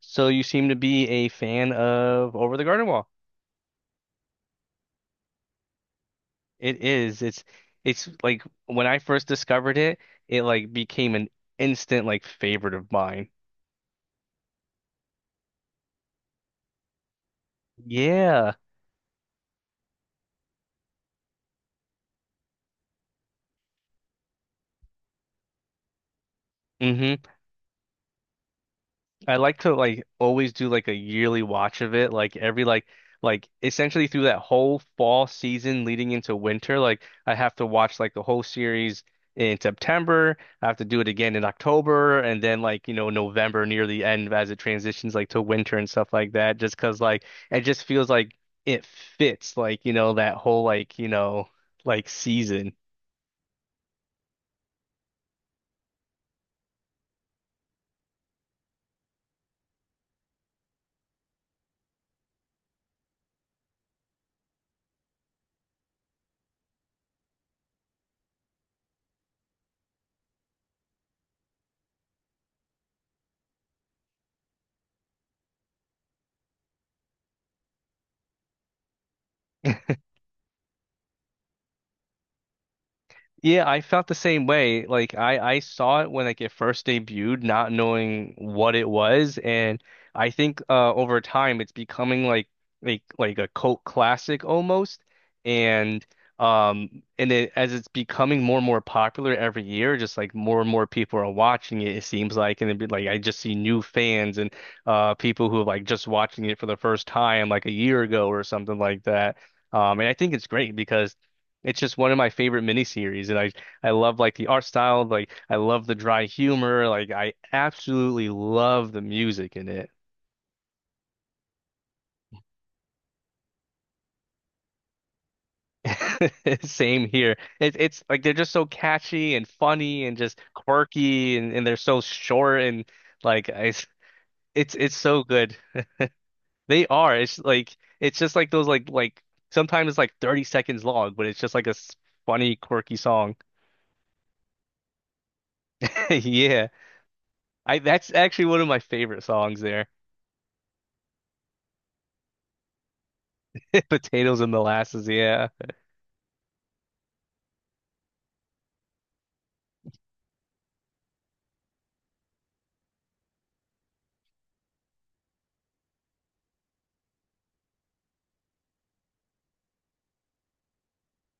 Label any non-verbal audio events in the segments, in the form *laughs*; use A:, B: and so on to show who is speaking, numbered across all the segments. A: So you seem to be a fan of Over the Garden Wall. It is. It's like when I first discovered it, it like became an instant like favorite of mine. Yeah. hmm I like to like always do like a yearly watch of it, like every like essentially through that whole fall season leading into winter, like I have to watch like the whole series in September. I have to do it again in October and then like, you know, November near the end as it transitions like to winter and stuff like that, just 'cause like it just feels like it fits like, you know, that whole like, you know, like season. *laughs* Yeah, I felt the same way. Like I saw it when like it first debuted, not knowing what it was, and I think over time it's becoming like like a cult classic almost. And and it, as it's becoming more and more popular every year, just like more and more people are watching it, it seems like, and it'd be like I just see new fans and people who are like just watching it for the first time like a year ago or something like that. And I think it's great because. It's just one of my favorite miniseries, and I love like the art style, like I love the dry humor, like I absolutely love the music in it. *laughs* Same here. It's like they're just so catchy and funny and just quirky, and they're so short and like it's it's so good. They are. It's like it's just like those like sometimes it's like 30 seconds long, but it's just like a funny, quirky song. *laughs* Yeah, I that's actually one of my favorite songs there. *laughs* Potatoes and molasses, yeah.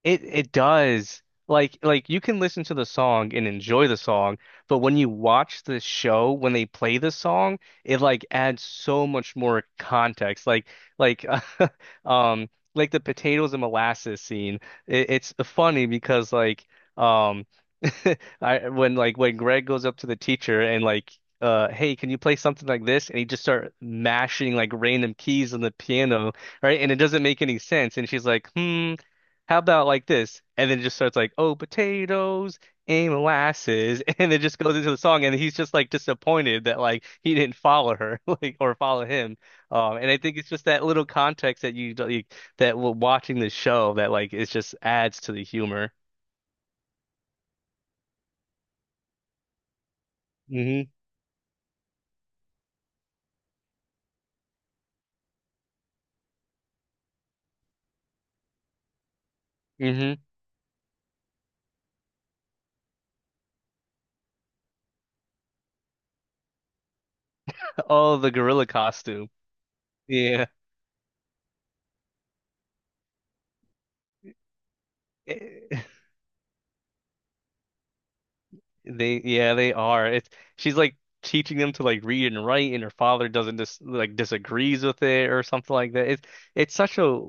A: It does. Like you can listen to the song and enjoy the song, but when you watch the show, when they play the song, it like adds so much more context. Like *laughs* like the potatoes and molasses scene. It, it's funny because like um *laughs* I when like when Greg goes up to the teacher and like hey can you play something like this and he just start mashing like random keys on the piano right and it doesn't make any sense and she's like hmm how about like this and then it just starts like oh potatoes and molasses *laughs* and it just goes into the song and he's just like disappointed that like he didn't follow her *laughs* like or follow him and I think it's just that little context that you like, that watching the show that like it just adds to the humor. Hmm hmm Oh, the gorilla costume. Yeah. *laughs* Eh, they yeah, they are. It's she's like teaching them to like read and write and her father doesn't dis like disagrees with it or something like that. It's such a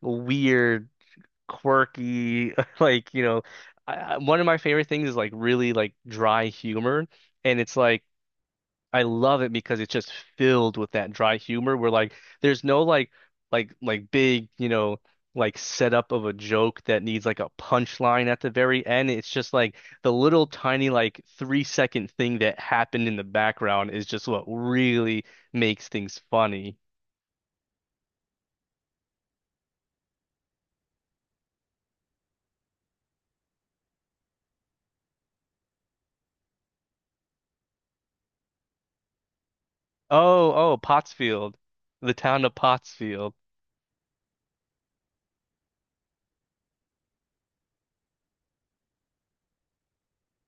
A: weird, quirky *laughs* like, you know, one of my favorite things is like really like dry humor and it's like I love it because it's just filled with that dry humor where like there's no like like big, you know, like setup of a joke that needs like a punchline at the very end. It's just like the little tiny like 3 second thing that happened in the background is just what really makes things funny. Oh, oh, Pottsfield, the town of Pottsfield.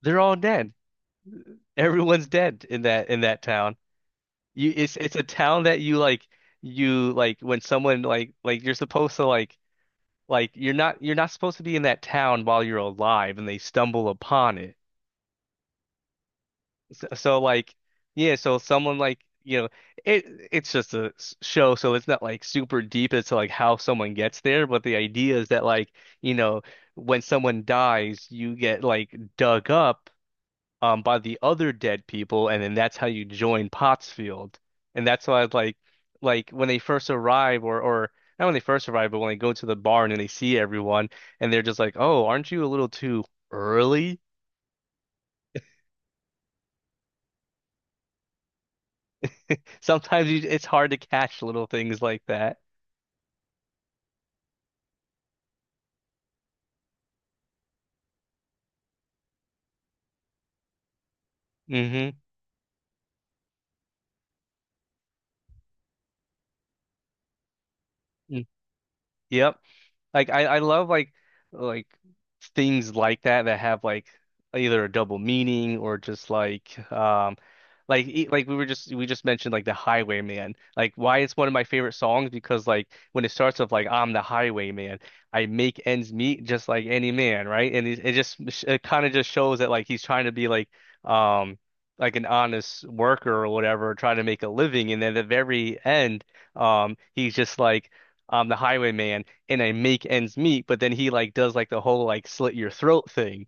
A: They're all dead. Everyone's dead in that town. You it's a town that you like when someone like you're supposed to like you're not supposed to be in that town while you're alive and they stumble upon it. So like yeah, so someone like you know it it's just a show so it's not like super deep as to like how someone gets there, but the idea is that like you know when someone dies you get like dug up by the other dead people, and then that's how you join Pottsfield. And that's why like when they first arrive or not when they first arrive, but when they go to the barn and they see everyone and they're just like, "Oh, aren't you a little too early?" *laughs* Sometimes you, it's hard to catch little things like that. Mm-hmm. Mm, yep. Like I love like things like that that have like either a double meaning or just like like we just mentioned like the Highwayman. Like why it's one of my favorite songs because like when it starts off like I'm the Highwayman, I make ends meet just like any man, right? And it just it kind of just shows that like he's trying to be um like an honest worker or whatever, trying to make a living. And then at the very end, he's just like I'm the highwayman and I make ends meet, but then he like does like the whole like slit your throat thing.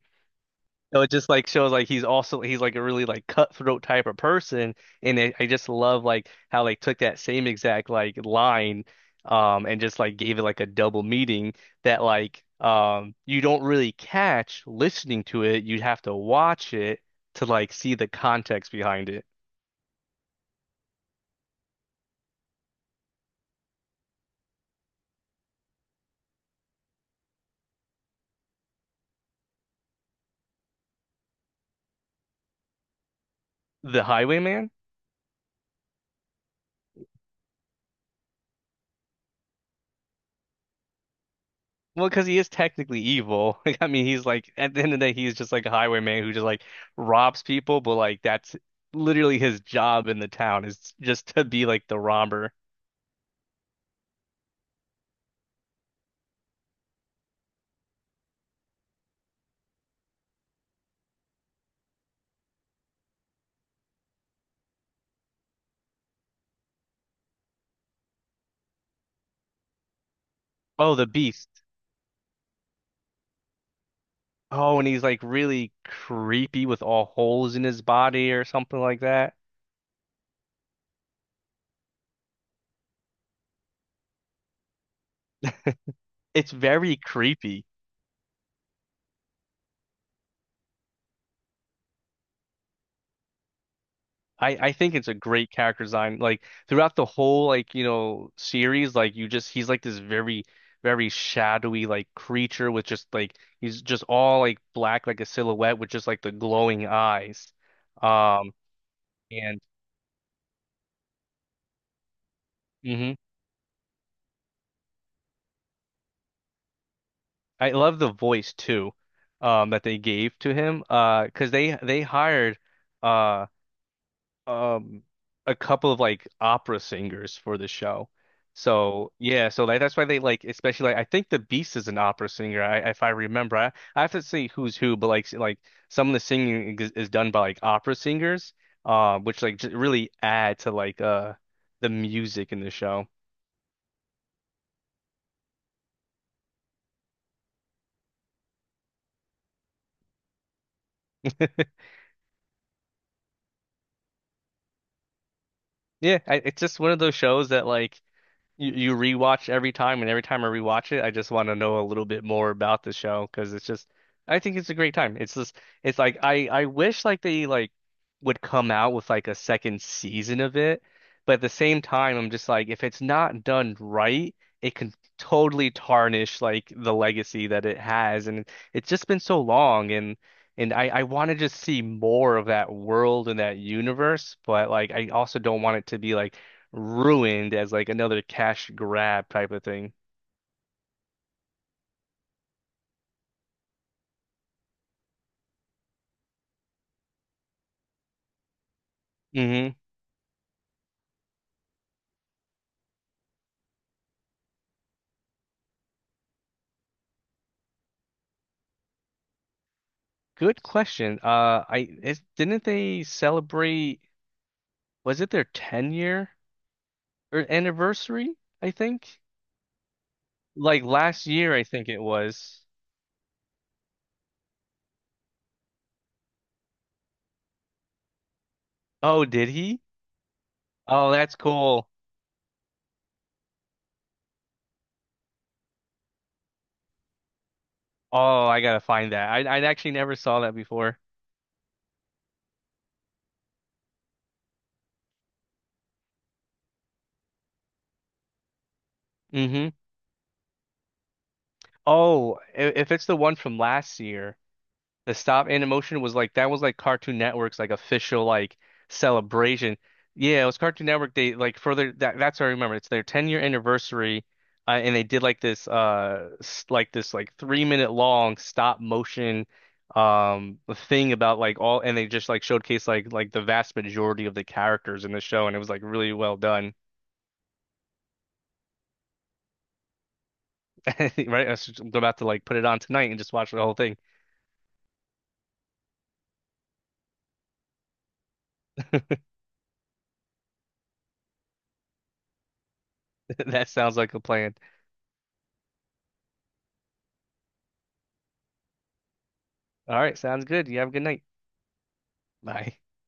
A: So it just like shows like he's also he's like a really like cutthroat type of person, and I just love like how they took that same exact like line, and just like gave it like a double meaning that like you don't really catch listening to it. You'd have to watch it to like see the context behind it. The Highwayman? Well, because he is technically evil. *laughs* Like, I mean, he's like at the end of the day, he's just like a highwayman who just like robs people. But like that's literally his job in the town is just to be like the robber. Oh, the beast. Oh, and he's like really creepy with all holes in his body or something like that. It's very creepy. I think it's a great character design. Like throughout the whole like you know series, like you just he's like this very shadowy like creature with just like he's just all like black like a silhouette with just like the glowing eyes. Um and hmm I love the voice too, that they gave to him. Because they hired uh um a couple of like opera singers for the show. So yeah, so like that's why they like especially like I think the Beast is an opera singer. I if I remember, I have to see who's who, but like like some of the singing is done by like opera singers, which like j really add to like the music in the show. *laughs* Yeah, I, it's just one of those shows that like you rewatch every time, and every time I rewatch it, I just want to know a little bit more about the show because it's just, I think it's a great time. It's just, it's like I wish like they like would come out with like a second season of it, but at the same time, I'm just like, if it's not done right, it can totally tarnish like the legacy that it has, and it's just been so long, and and I want to just see more of that world and that universe, but like I also don't want it to be like ruined as like another cash grab type of thing. Hmm Good question. I is, didn't they celebrate? Was it their 10 year or anniversary? I think like last year. I think it was. Oh, did he? Oh, that's cool. Oh, I gotta find that. I actually never saw that before. Hmm Oh, if it's the one from last year, the stop animation was like that was like Cartoon Network's like official like celebration. Yeah, it was Cartoon Network. They like further that's what I remember. It's their 10-year anniversary, and they did like this like this like 3 minute long stop motion um thing about like all and they just like showcased like the vast majority of the characters in the show, and it was like really well done. *laughs* Right, I'm about to like put it on tonight and just watch the whole thing. *laughs* That sounds like a plan. All right, sounds good. You have a good night. Bye.